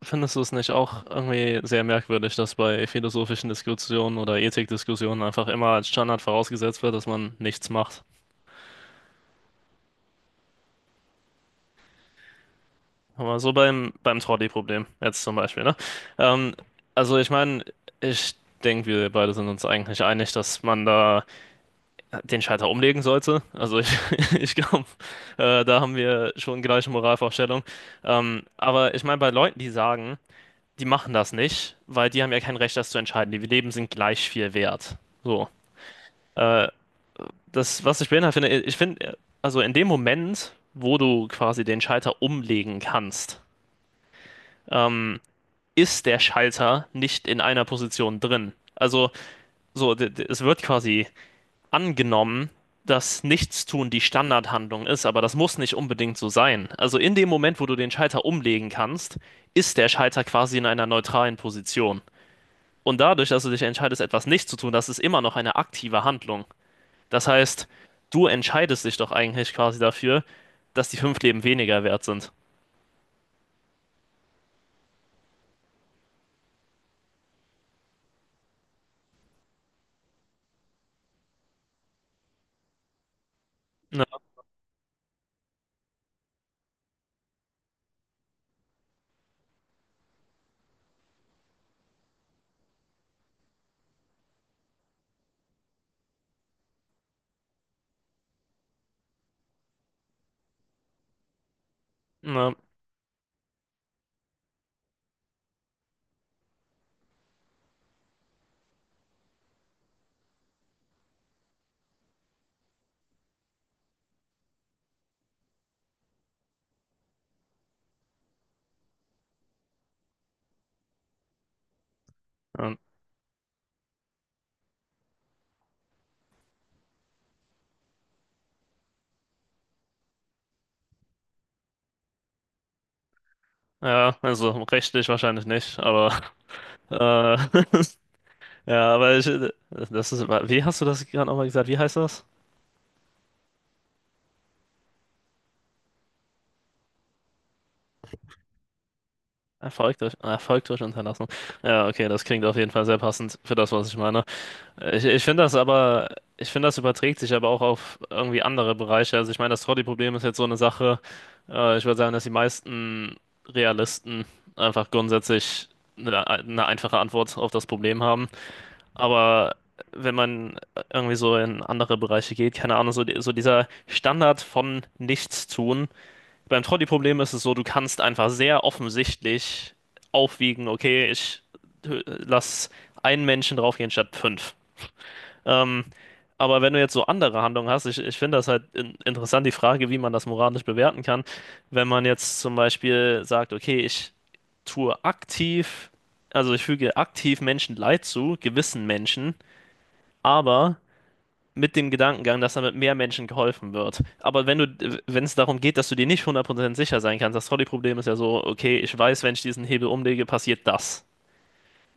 Findest du es nicht auch irgendwie sehr merkwürdig, dass bei philosophischen Diskussionen oder Ethikdiskussionen einfach immer als Standard vorausgesetzt wird, dass man nichts macht? Aber so beim Trolley-Problem jetzt zum Beispiel, ne? Ähm, also ich meine, ich denke, wir beide sind uns eigentlich einig, dass man da den Schalter umlegen sollte. Ich glaube, da haben wir schon gleiche Moralvorstellung. Aber ich meine, bei Leuten, die sagen, die machen das nicht, weil die haben ja kein Recht, das zu entscheiden. Die Leben sind gleich viel wert. So. Äh, Das, was ich beinhaltet finde, ich finde, also in dem Moment, wo du quasi den Schalter umlegen kannst, ähm, ist der Schalter nicht in einer Position drin. Also so, es wird quasi angenommen, dass Nichtstun die Standardhandlung ist, aber das muss nicht unbedingt so sein. Also in dem Moment, wo du den Schalter umlegen kannst, ist der Schalter quasi in einer neutralen Position. Und dadurch, dass du dich entscheidest, etwas nicht zu tun, das ist immer noch eine aktive Handlung. Das heißt, du entscheidest dich doch eigentlich quasi dafür, dass die fünf Leben weniger wert sind. Ja, ja, ja, ja, also rechtlich wahrscheinlich nicht, aber äh, ja, aber wie hast du das gerade nochmal gesagt? Wie heißt das? Erfolg durch Unterlassung. Ja, okay, das klingt auf jeden Fall sehr passend für das, was ich meine. Ich finde das aber, ich finde, das überträgt sich aber auch auf irgendwie andere Bereiche. Also ich meine, das Trolley-Problem ist jetzt so eine Sache. Ich würde sagen, dass die meisten Realisten einfach grundsätzlich eine einfache Antwort auf das Problem haben. Aber wenn man irgendwie so in andere Bereiche geht, keine Ahnung, so, so dieser Standard von nichts tun. Beim Trolley-Problem ist es so, du kannst einfach sehr offensichtlich aufwiegen. Okay, ich lass einen Menschen draufgehen statt fünf. Ähm, aber wenn du jetzt so andere Handlungen hast, ich finde das halt interessant, die Frage, wie man das moralisch bewerten kann. Wenn man jetzt zum Beispiel sagt, okay, tue aktiv, also ich füge aktiv Menschen Leid zu, gewissen Menschen, aber mit dem Gedankengang, dass damit mehr Menschen geholfen wird. Aber wenn es darum geht, dass du dir nicht 100% sicher sein kannst, das Trolley-Problem ist ja so, okay, ich weiß, wenn ich diesen Hebel umlege, passiert das.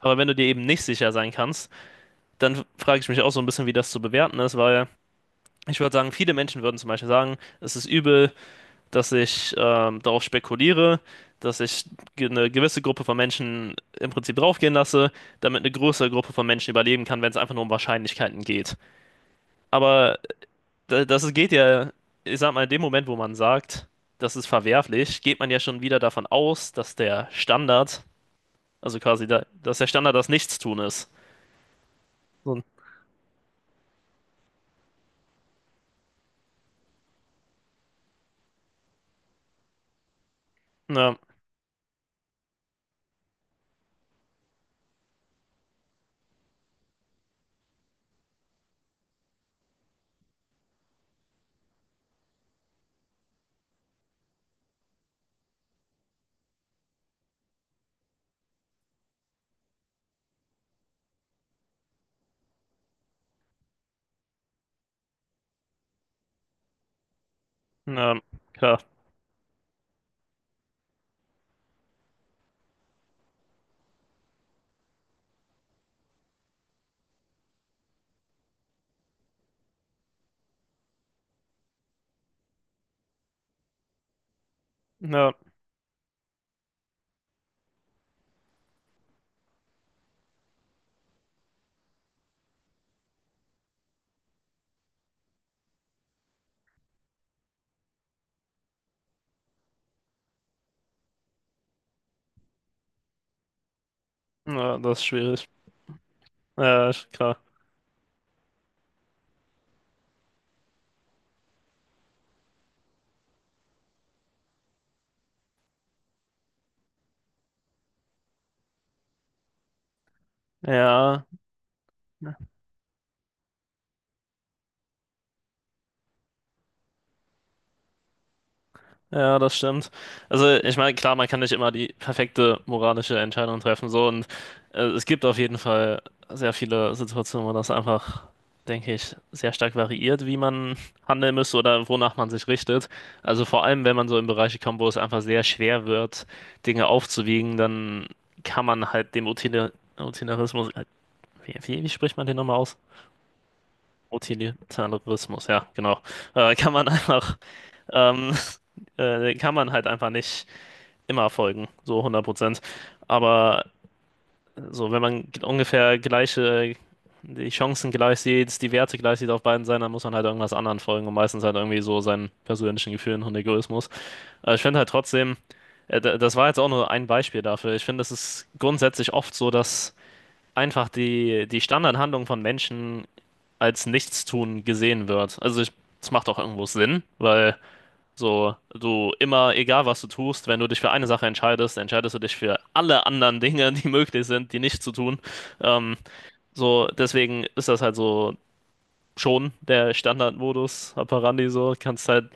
Aber wenn du dir eben nicht sicher sein kannst, dann frage ich mich auch so ein bisschen, wie das zu bewerten ist, weil ich würde sagen, viele Menschen würden zum Beispiel sagen, es ist übel, dass ich darauf spekuliere, dass ich eine gewisse Gruppe von Menschen im Prinzip draufgehen lasse, damit eine größere Gruppe von Menschen überleben kann, wenn es einfach nur um Wahrscheinlichkeiten geht. Aber das geht ja, ich sag mal, in dem Moment, wo man sagt, das ist verwerflich, geht man ja schon wieder davon aus, dass der Standard, also quasi, dass der Standard das Nichtstun ist. So. Na, na, klar. Na, na, das ist schwierig. Ja, ist klar. Ja. Ja, das stimmt. Also, ich meine, klar, man kann nicht immer die perfekte moralische Entscheidung treffen, so und es gibt auf jeden Fall sehr viele Situationen, wo das einfach, denke ich, sehr stark variiert, wie man handeln müsste oder wonach man sich richtet. Also vor allem, wenn man so in Bereiche kommt, wo es einfach sehr schwer wird, Dinge aufzuwiegen, dann kann man halt dem Utilitarismus, wie spricht man den nochmal aus? Utilitarismus, ja, genau. Kann man einfach. Ähm, Kann man halt einfach nicht immer folgen, so 100%. Aber so, wenn man ungefähr die Chancen gleich sieht, die Werte gleich sieht auf beiden Seiten, dann muss man halt irgendwas anderen folgen und meistens halt irgendwie so seinen persönlichen Gefühlen und Egoismus. Aber ich finde halt trotzdem, das war jetzt auch nur ein Beispiel dafür. Ich finde, es ist grundsätzlich oft so, dass einfach die Standardhandlung von Menschen als Nichtstun gesehen wird. Es macht auch irgendwo Sinn, weil so, du immer, egal was du tust, wenn du dich für eine Sache entscheidest, entscheidest du dich für alle anderen Dinge, die möglich sind, die nicht zu tun. Ähm, so, deswegen ist das halt so schon der Standardmodus operandi, so kannst halt,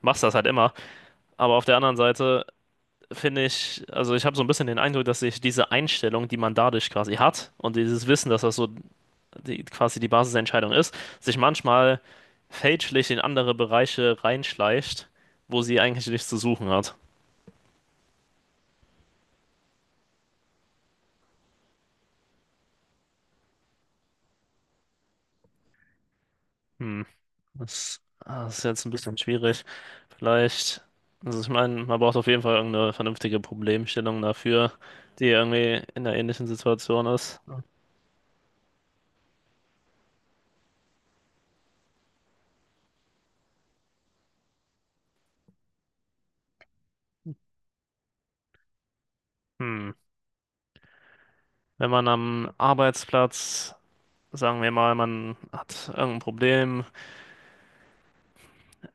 machst das halt immer. Aber auf der anderen Seite finde ich, also ich habe so ein bisschen den Eindruck, dass sich diese Einstellung, die man dadurch quasi hat und dieses Wissen, dass das so die, quasi die Basis der Entscheidung ist, sich manchmal fälschlich in andere Bereiche reinschleicht, wo sie eigentlich nichts zu suchen hat. Hm. Das ist jetzt ein bisschen schwierig. Vielleicht, also ich meine, man braucht auf jeden Fall irgendeine vernünftige Problemstellung dafür, die irgendwie in einer ähnlichen Situation ist. Hm. Wenn man am Arbeitsplatz, sagen wir mal, man hat irgendein Problem,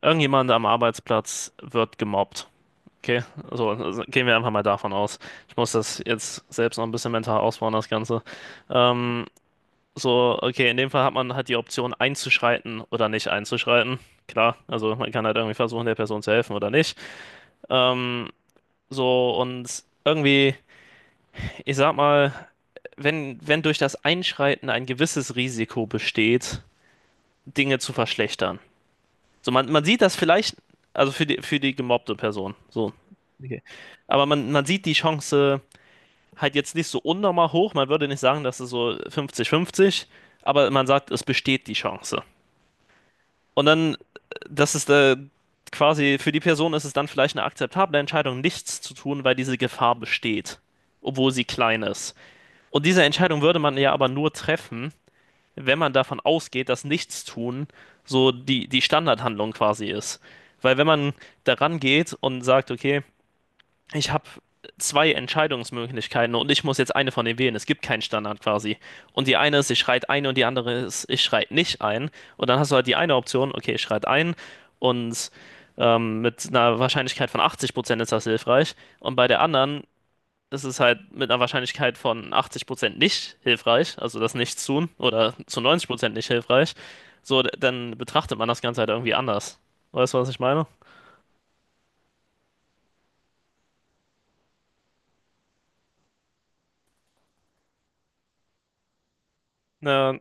irgendjemand am Arbeitsplatz wird gemobbt. Okay, so also gehen wir einfach mal davon aus. Ich muss das jetzt selbst noch ein bisschen mental ausbauen, das Ganze. Ähm, So, okay, in dem Fall hat man halt die Option einzuschreiten oder nicht einzuschreiten. Klar, also man kann halt irgendwie versuchen, der Person zu helfen oder nicht. Ähm, so, und irgendwie, ich sag mal, wenn durch das Einschreiten ein gewisses Risiko besteht, Dinge zu verschlechtern. So, man sieht das vielleicht, also für die gemobbte Person, so. Okay. Aber man sieht die Chance halt jetzt nicht so unnormal hoch. Man würde nicht sagen, dass es so 50-50, aber man sagt, es besteht die Chance. Und dann, das ist quasi, für die Person ist es dann vielleicht eine akzeptable Entscheidung, nichts zu tun, weil diese Gefahr besteht, obwohl sie klein ist. Und diese Entscheidung würde man ja aber nur treffen, wenn man davon ausgeht, dass Nichtstun so die Standardhandlung quasi ist. Weil wenn man daran geht und sagt, okay, ich habe zwei Entscheidungsmöglichkeiten und ich muss jetzt eine von denen wählen. Es gibt keinen Standard quasi. Und die eine ist, ich schreit ein und die andere ist, ich schreit nicht ein. Und dann hast du halt die eine Option, okay, ich schreit ein und mit einer Wahrscheinlichkeit von 80% ist das hilfreich. Und bei der anderen ist es halt mit einer Wahrscheinlichkeit von 80% nicht hilfreich, also das Nichts tun, oder zu 90% nicht hilfreich. So, dann betrachtet man das Ganze halt irgendwie anders. Weißt du, was ich meine? Ja,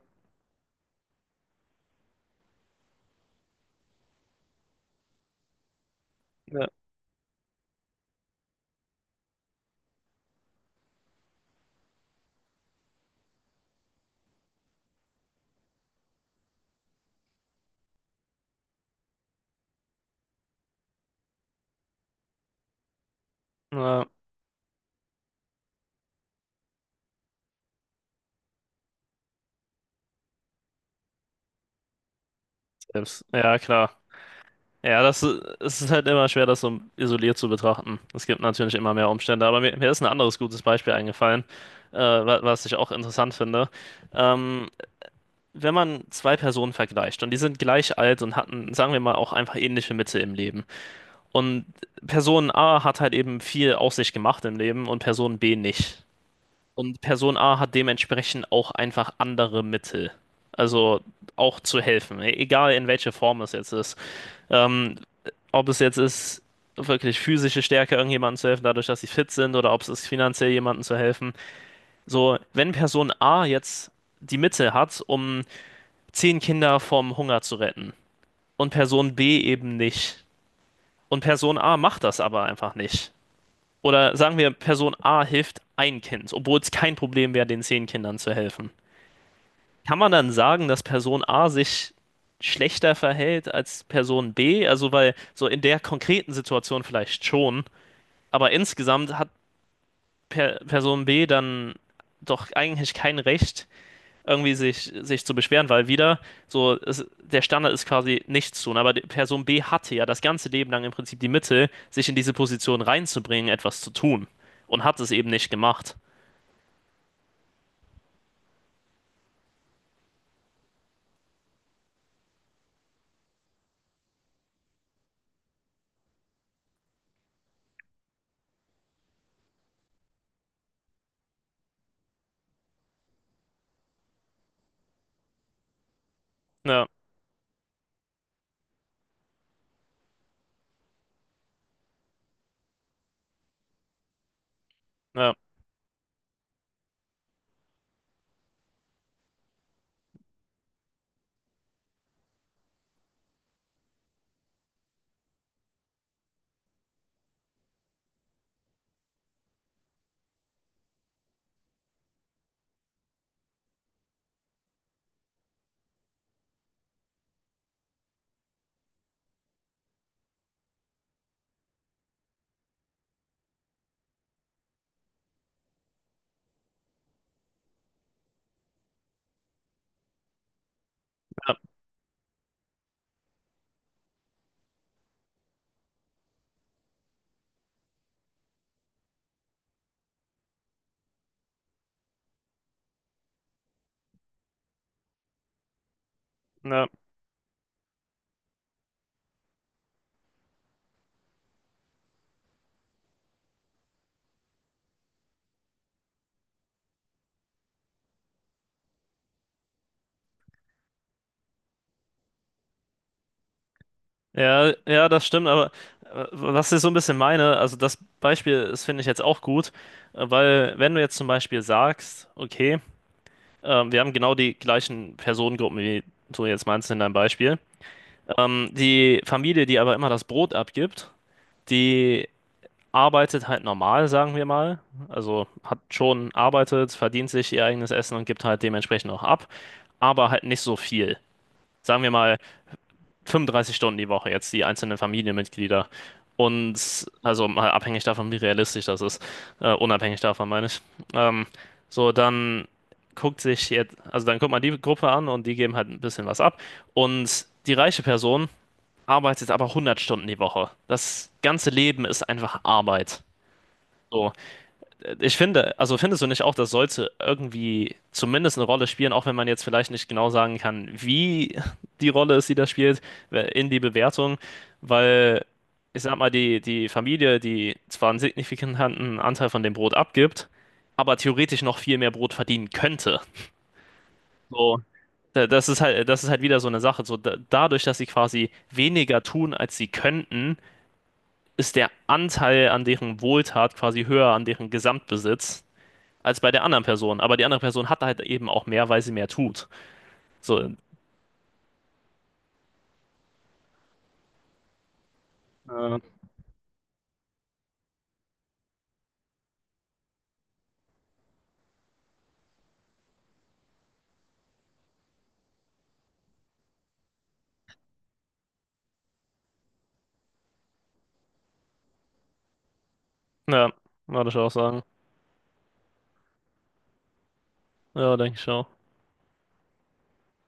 ja, ja, selbst. Ja, klar. Ja, es ist halt immer schwer, das so isoliert zu betrachten. Es gibt natürlich immer mehr Umstände, aber mir ist ein anderes gutes Beispiel eingefallen, was ich auch interessant finde. Ähm, Wenn man zwei Personen vergleicht und die sind gleich alt und hatten, sagen wir mal, auch einfach ähnliche Mitte im Leben. Und Person A hat halt eben viel aus sich gemacht im Leben und Person B nicht. Und Person A hat dementsprechend auch einfach andere Mittel. Also auch zu helfen, egal in welche Form es jetzt ist. Ähm, Ob es jetzt ist, wirklich physische Stärke irgendjemandem zu helfen, dadurch, dass sie fit sind, oder ob es ist, finanziell jemandem zu helfen. So, wenn Person A jetzt die Mittel hat, um zehn Kinder vom Hunger zu retten und Person B eben nicht, und Person A macht das aber einfach nicht. Oder sagen wir, Person A hilft ein Kind, obwohl es kein Problem wäre, den zehn Kindern zu helfen. Kann man dann sagen, dass Person A sich schlechter verhält als Person B? Also, weil so in der konkreten Situation vielleicht schon, aber insgesamt hat per Person B dann doch eigentlich kein Recht, irgendwie sich zu beschweren, weil wieder so der Standard ist quasi nichts tun. Aber die Person B hatte ja das ganze Leben lang im Prinzip die Mittel, sich in diese Position reinzubringen, etwas zu tun, und hat es eben nicht gemacht. Ja, ja, ja, ja. Ja, ja, das stimmt, aber was ich so ein bisschen meine, also das Beispiel ist, finde ich jetzt auch gut, weil wenn du jetzt zum Beispiel sagst, okay, wir haben genau die gleichen Personengruppen, wie du jetzt meinst in deinem Beispiel, die Familie, die aber immer das Brot abgibt, die arbeitet halt normal, sagen wir mal, also hat schon arbeitet, verdient sich ihr eigenes Essen und gibt halt dementsprechend auch ab, aber halt nicht so viel. Sagen wir mal, 35 Stunden die Woche jetzt, die einzelnen Familienmitglieder. Und also mal abhängig davon, wie realistisch das ist. Unabhängig davon, meine ich. Ähm, so, dann guckt sich jetzt, also dann guckt man die Gruppe an und die geben halt ein bisschen was ab. Und die reiche Person arbeitet aber 100 Stunden die Woche. Das ganze Leben ist einfach Arbeit. So. Ich finde, also findest du nicht auch, das sollte irgendwie zumindest eine Rolle spielen, auch wenn man jetzt vielleicht nicht genau sagen kann, wie die Rolle ist, die das spielt, in die Bewertung, weil ich sag mal, die Familie, die zwar einen signifikanten Anteil von dem Brot abgibt, aber theoretisch noch viel mehr Brot verdienen könnte. So, das ist halt wieder so eine Sache. So, dadurch, dass sie quasi weniger tun, als sie könnten, ist der Anteil an deren Wohltat quasi höher an deren Gesamtbesitz als bei der anderen Person. Aber die andere Person hat halt eben auch mehr, weil sie mehr tut. So, ja, würde ich auch sagen. Ja, denke ich auch.